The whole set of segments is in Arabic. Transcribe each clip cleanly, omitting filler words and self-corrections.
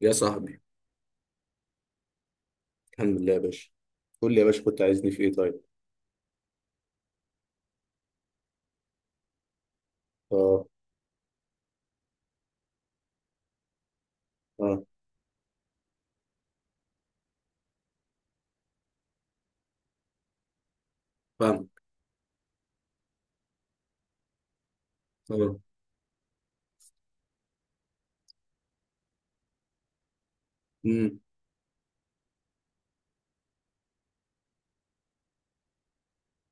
يا صاحبي. الحمد لله يا باشا. قول لي يا باشا، كنت عايزني في ايه طيب؟ اه. اه. فاهمك. اه. امم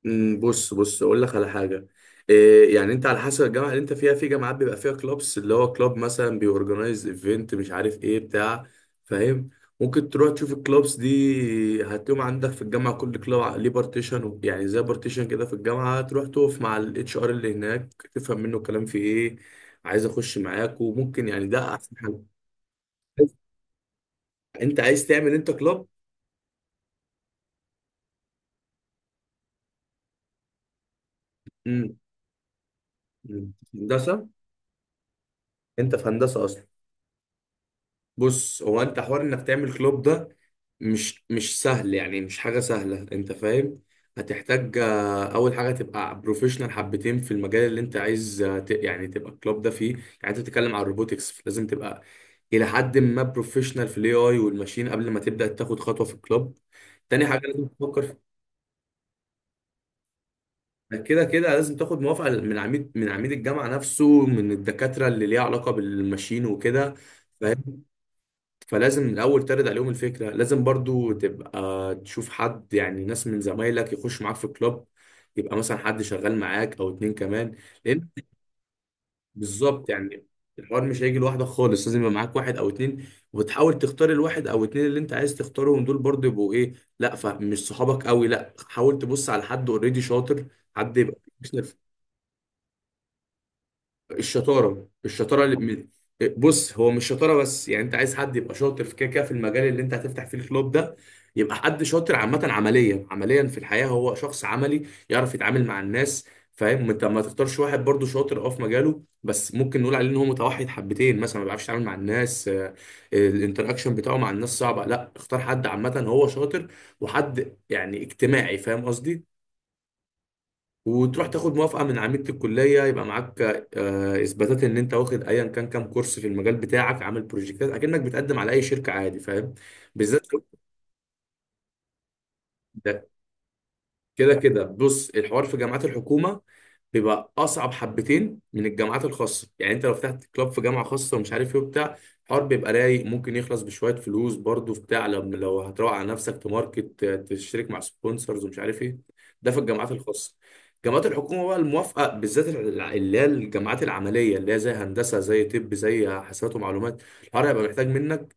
أمم، بص اقول لك على حاجه. إيه يعني، انت على حسب الجامعه اللي انت فيها، في جامعات بيبقى فيها كلوبس، اللي هو كلوب مثلا بيورجنايز ايفنت مش عارف ايه بتاع. فاهم. ممكن تروح تشوف الكلوبس دي، هتلاقيهم عندك في الجامعه. كل كلوب ليه بارتيشن، يعني زي بارتيشن كده في الجامعه، تروح تقف مع الاتش ار اللي هناك تفهم منه الكلام في ايه. عايز اخش معاك، وممكن يعني ده احسن حل. انت عايز تعمل انت كلوب؟ امم أمم. هندسه. انت في هندسه اصلا؟ بص، هو انت حوار انك تعمل كلوب ده مش سهل، يعني مش حاجه سهله، انت فاهم. هتحتاج اول حاجه تبقى بروفيشنال حبتين في المجال اللي انت عايز، يعني تبقى كلوب ده فيه، يعني انت بتتكلم عن الروبوتكس، لازم تبقى الى حد ما بروفيشنال في الاي اي والماشين قبل ما تبدا تاخد خطوه في الكلوب. تاني حاجه لازم تفكر. كده كده لازم تاخد موافقة من عميد الجامعة نفسه، من الدكاترة اللي ليها علاقة بالماشين وكده. فاهم. فلازم الأول ترد عليهم الفكرة، لازم برضو تبقى تشوف حد، يعني ناس من زمايلك يخش معاك في الكلاب. يبقى مثلا حد شغال معاك أو اتنين كمان. لأن، بالظبط يعني، الحوار مش هيجي لوحدك خالص، لازم يبقى معاك واحد أو اتنين. وتحاول تختار الواحد أو اتنين اللي أنت عايز تختارهم دول برضو يبقوا إيه. لا فمش صحابك قوي، لا، حاول تبص على حد أوريدي شاطر. حد يبقى الشطاره بص، هو مش شطاره بس، يعني انت عايز حد يبقى شاطر في كده كده في المجال اللي انت هتفتح فيه الكلوب ده. يبقى حد شاطر عامه، عمليا عمليا في الحياه، هو شخص عملي يعرف يتعامل مع الناس. فاهم. انت ما تختارش واحد برضو شاطر اه في مجاله، بس ممكن نقول عليه ان هو متوحد حبتين مثلا، ما بيعرفش يتعامل مع الناس. الانتراكشن بتاعه مع الناس صعبه. لا، اختار حد عامه هو شاطر، وحد يعني اجتماعي، فاهم قصدي. وتروح تاخد موافقة من عميدة الكلية، يبقى معاك إثباتات إن أنت واخد أيا كان كام كورس في المجال بتاعك، عامل بروجكتات، أكنك بتقدم على أي شركة عادي، فاهم. بالذات، كده كده بص، الحوار في جامعات الحكومة بيبقى أصعب حبتين من الجامعات الخاصة. يعني أنت لو فتحت كلاب في جامعة خاصة ومش عارف إيه وبتاع، الحوار بيبقى رايق، ممكن يخلص بشوية فلوس برضه في بتاع، لما لو هتروح على نفسك تماركت، تشترك مع سبونسرز ومش عارف إيه. ده في الجامعات الخاصة. جامعات الحكومة بقى، الموافقة بالذات اللي هي الجامعات العملية، اللي هي زي هندسة، زي طب، زي حاسبات ومعلومات، الحوار هيبقى محتاج منك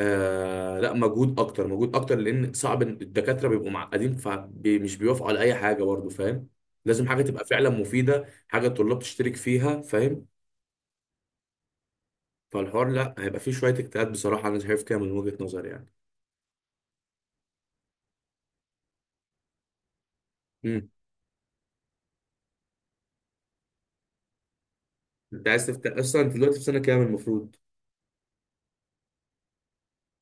لا مجهود اكتر، مجهود اكتر، لان صعب إن الدكاتره بيبقوا معقدين فمش بيوافقوا على اي حاجه برضه، فاهم. لازم حاجه تبقى فعلا مفيده، حاجه الطلاب تشترك فيها، فاهم. فالحوار لا هيبقى فيه شويه اجتهاد بصراحه، انا شايف كده من وجهه نظري يعني. امم انت عايز تفتح اصلا، انت دلوقتي في سنه كام المفروض؟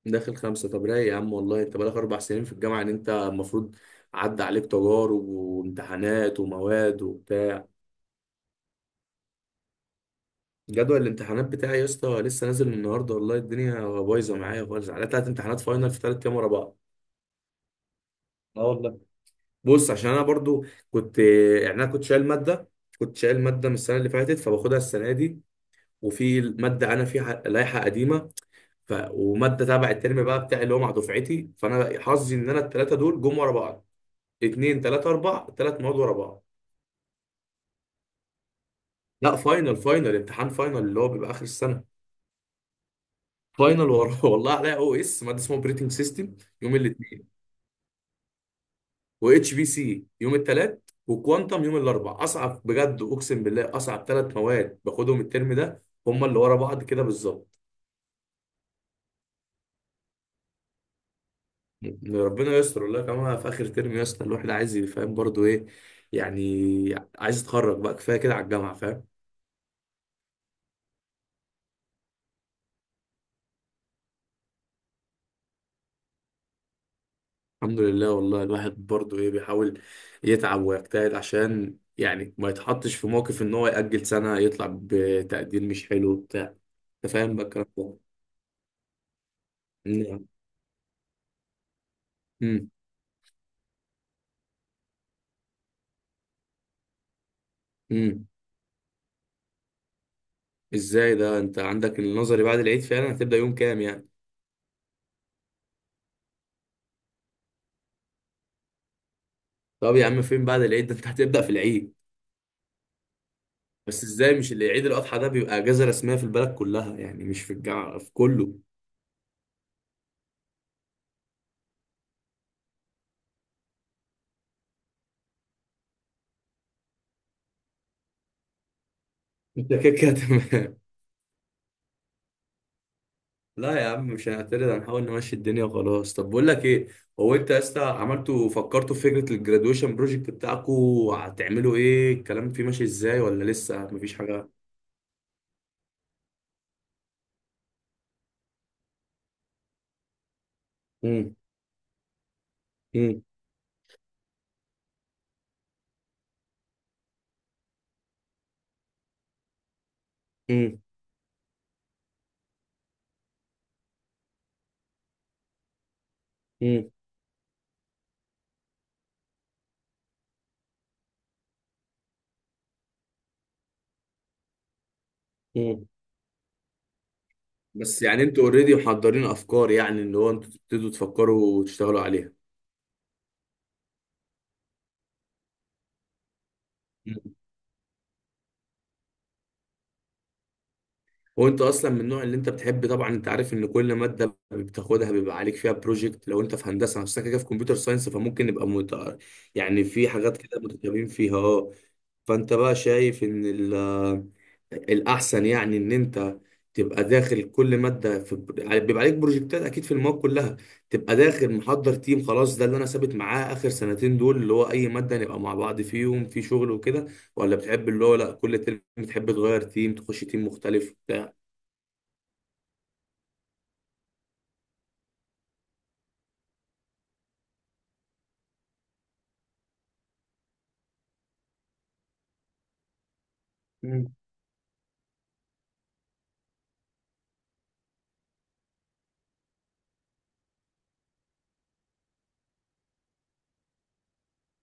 داخل خمسه؟ طب رايق يا عم والله، انت بقالك 4 سنين في الجامعه، ان انت المفروض عدى عليك تجارب وامتحانات ومواد وبتاع. جدول الامتحانات بتاعي يا اسطى لسه نازل النهارده، والله الدنيا بايظه معايا خالص، على 3 امتحانات فاينل في 3 ايام ورا بعض. اه والله. بص، عشان انا برضو كنت، يعني انا كنت شايل ماده، كنت شايل ماده من السنه اللي فاتت فباخدها السنه دي، وفي ماده انا فيها لائحه قديمه، وماده تبع الترم بقى بتاعي اللي هو مع دفعتي، فانا حظي ان انا الثلاثه دول جم ورا بعض. اتنين تلاته اربع، 3 مواد ورا بعض. لا فاينل، فاينل، امتحان فاينل اللي هو بيبقى اخر السنه. فاينل ورا والله عليا، او اس ماده اسمها اوبريتنج سيستم يوم، واتش بي سي يوم الثلاث، وكوانتم يوم الاربع. اصعب بجد، اقسم بالله اصعب 3 مواد باخدهم الترم ده هم اللي ورا بعض كده بالظبط. يعني ربنا يستر والله، كمان في اخر ترم يا اسطى، الواحد عايز يفهم برضه ايه، يعني عايز يتخرج بقى، كفايه كده على الجامعه فاهم. الحمد لله والله، الواحد برضه ايه بيحاول يتعب ويجتهد عشان يعني ما يتحطش في موقف ان هو يأجل سنه، يطلع بتقدير مش حلو بتاع، انت فاهم بقى الكلام ده. نعم. امم. امم. ازاي ده، انت عندك النظري بعد العيد فعلا؟ هتبدأ يوم كام يعني؟ طب يا عم، فين بعد العيد ده، انت هتبدأ في العيد؟ بس ازاي، مش اللي عيد الأضحى ده بيبقى اجازة رسمية في البلد كلها يعني، مش في الجامعة، في كله. انت كده كده تمام. لا يا عم، مش هنعترض، هنحاول نمشي الدنيا وخلاص. طب بقول لك ايه، هو انت يا اسطى عملتوا، فكرتوا في فكرة الجرادويشن بروجكت بتاعكوا؟ هتعملوا ايه؟ الكلام فيه ماشي ازاي ولا لسه مفيش حاجة؟ امم. امم. امم. بس يعني انتوا اوريدي محضرين افكار؟ يعني اللي هو انتوا تبتدوا تفكروا وتشتغلوا عليها. مم. هو انت اصلا من النوع اللي انت بتحب؟ طبعا انت عارف ان كل ماده بتاخدها بيبقى عليك فيها بروجكت، لو انت في هندسه نفسك كده في كمبيوتر ساينس، فممكن نبقى يعني في حاجات كده متشابهين فيها اه. فانت بقى شايف ان الاحسن يعني ان انت تبقى داخل كل ماده في بيبقى عليك بروجكتات اكيد في المواد كلها، تبقى داخل محضر تيم خلاص، ده اللي انا ثابت معاه اخر سنتين دول، اللي هو اي ماده نبقى مع بعض فيهم في شغل وكده؟ ولا بتحب اللي هو لا كل ترم بتحب تغير تيم تخش تيم مختلف بتاع؟ مم.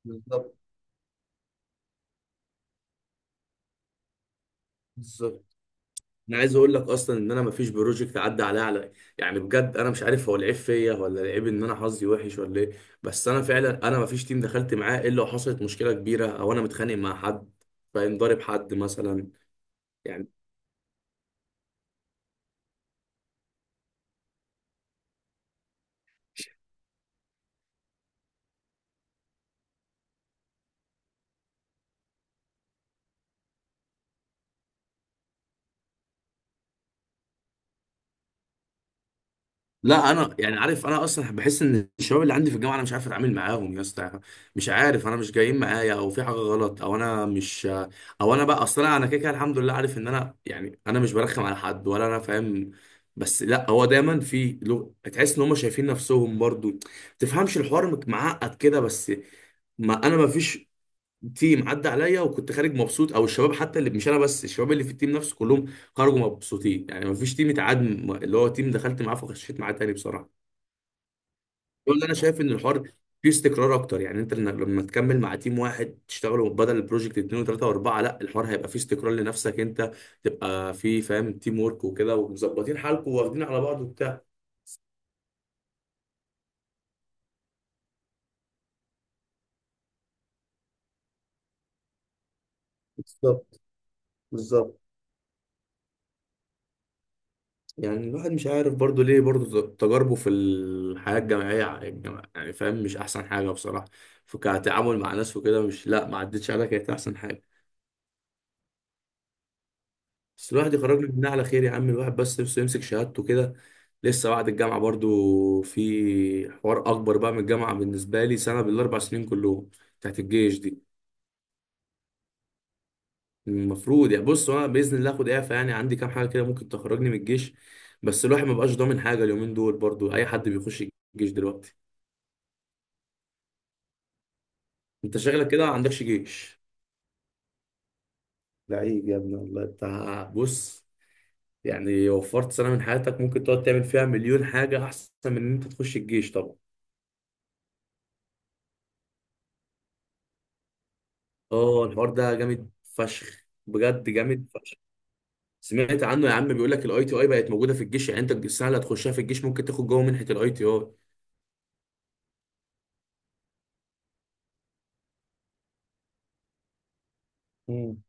بالظبط. بالظبط. انا عايز اقول لك اصلا ان انا مفيش بروجكت عدى عليا على، يعني بجد انا مش عارف هو العيب فيا ولا العيب ان انا حظي وحش ولا ايه، بس انا فعلا، انا مفيش تيم دخلت معاه الا وحصلت مشكله كبيره او انا متخانق مع حد، فاهم، ضارب حد مثلا. يعني لا انا يعني عارف، انا اصلا بحس ان الشباب اللي عندي في الجامعه انا مش عارف اتعامل معاهم يا اسطى. مش عارف انا مش جايين معايا، او في حاجه غلط، او انا مش، او انا بقى اصلا انا كده كده الحمد لله عارف ان انا يعني انا مش برخم على حد ولا انا فاهم، بس لا، هو دايما في تحس ان هم شايفين نفسهم برضو ما تفهمش الحوار معقد كده، بس ما انا ما فيش تيم عدى عليا وكنت خارج مبسوط، او الشباب حتى اللي مش انا بس، الشباب اللي في التيم نفسه كلهم خرجوا مبسوطين، يعني ما فيش تيم اتعاد، اللي هو تيم دخلت معاه فخشيت معاه تاني بصراحه. دول اللي انا شايف ان الحوار فيه استقرار اكتر، يعني انت لما تكمل مع تيم واحد تشتغلوا بدل البروجكت اتنين وتلاته واربعه، لا الحوار هيبقى فيه استقرار لنفسك انت، تبقى فيه فاهم تيم ورك وكده ومظبطين حالكم واخدين على بعض وبتاع. بالظبط. بالظبط. يعني الواحد مش عارف برضو ليه برضو تجاربه في الحياة الجامعية يعني فاهم، مش أحسن حاجة بصراحة، فكتعامل مع ناس وكده مش، لا ما عدتش عليها كانت أحسن حاجة. بس الواحد يخرجنا منها على خير يا عم، الواحد بس نفسه يمسك شهادته كده. لسه بعد الجامعة برضو في حوار أكبر بقى من الجامعة بالنسبة لي سنة بالأربع سنين كلهم، بتاعت الجيش دي. المفروض يعني بص، أنا بإذن الله آخد إعفاء، يعني عندي كام حاجة كده ممكن تخرجني من الجيش، بس الواحد مبقاش ضامن حاجة اليومين دول، برضو أي حد بيخش الجيش دلوقتي. أنت شغلك كده، ما عندكش جيش؟ لعيب يا ابني والله أنت. بص، يعني وفرت سنة من حياتك ممكن تقعد تعمل فيها مليون حاجة أحسن من إن أنت تخش الجيش طبعا. اه الحوار ده جامد فشخ بجد، جامد فشخ. سمعت عنه يا عم، بيقول لك الاي تي اي بقت موجوده في الجيش، يعني انت السنه اللي هتخشها في الجيش ممكن تاخد جوه منحه الاي تي اي. مم.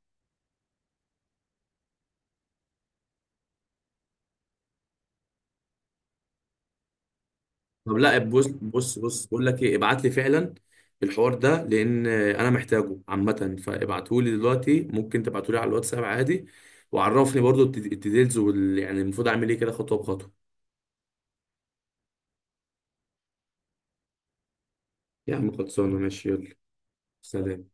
طب لا بص بص بص، بقول لك ايه، ابعت لي فعلا الحوار ده لان انا محتاجه عامه، فابعته لي دلوقتي، ممكن تبعته لي على الواتساب عادي، وعرفني برضو الديتيلز وال، يعني المفروض اعمل ايه كده خطوه بخطوه. يا عم خلصانه ماشي. يلا سلام.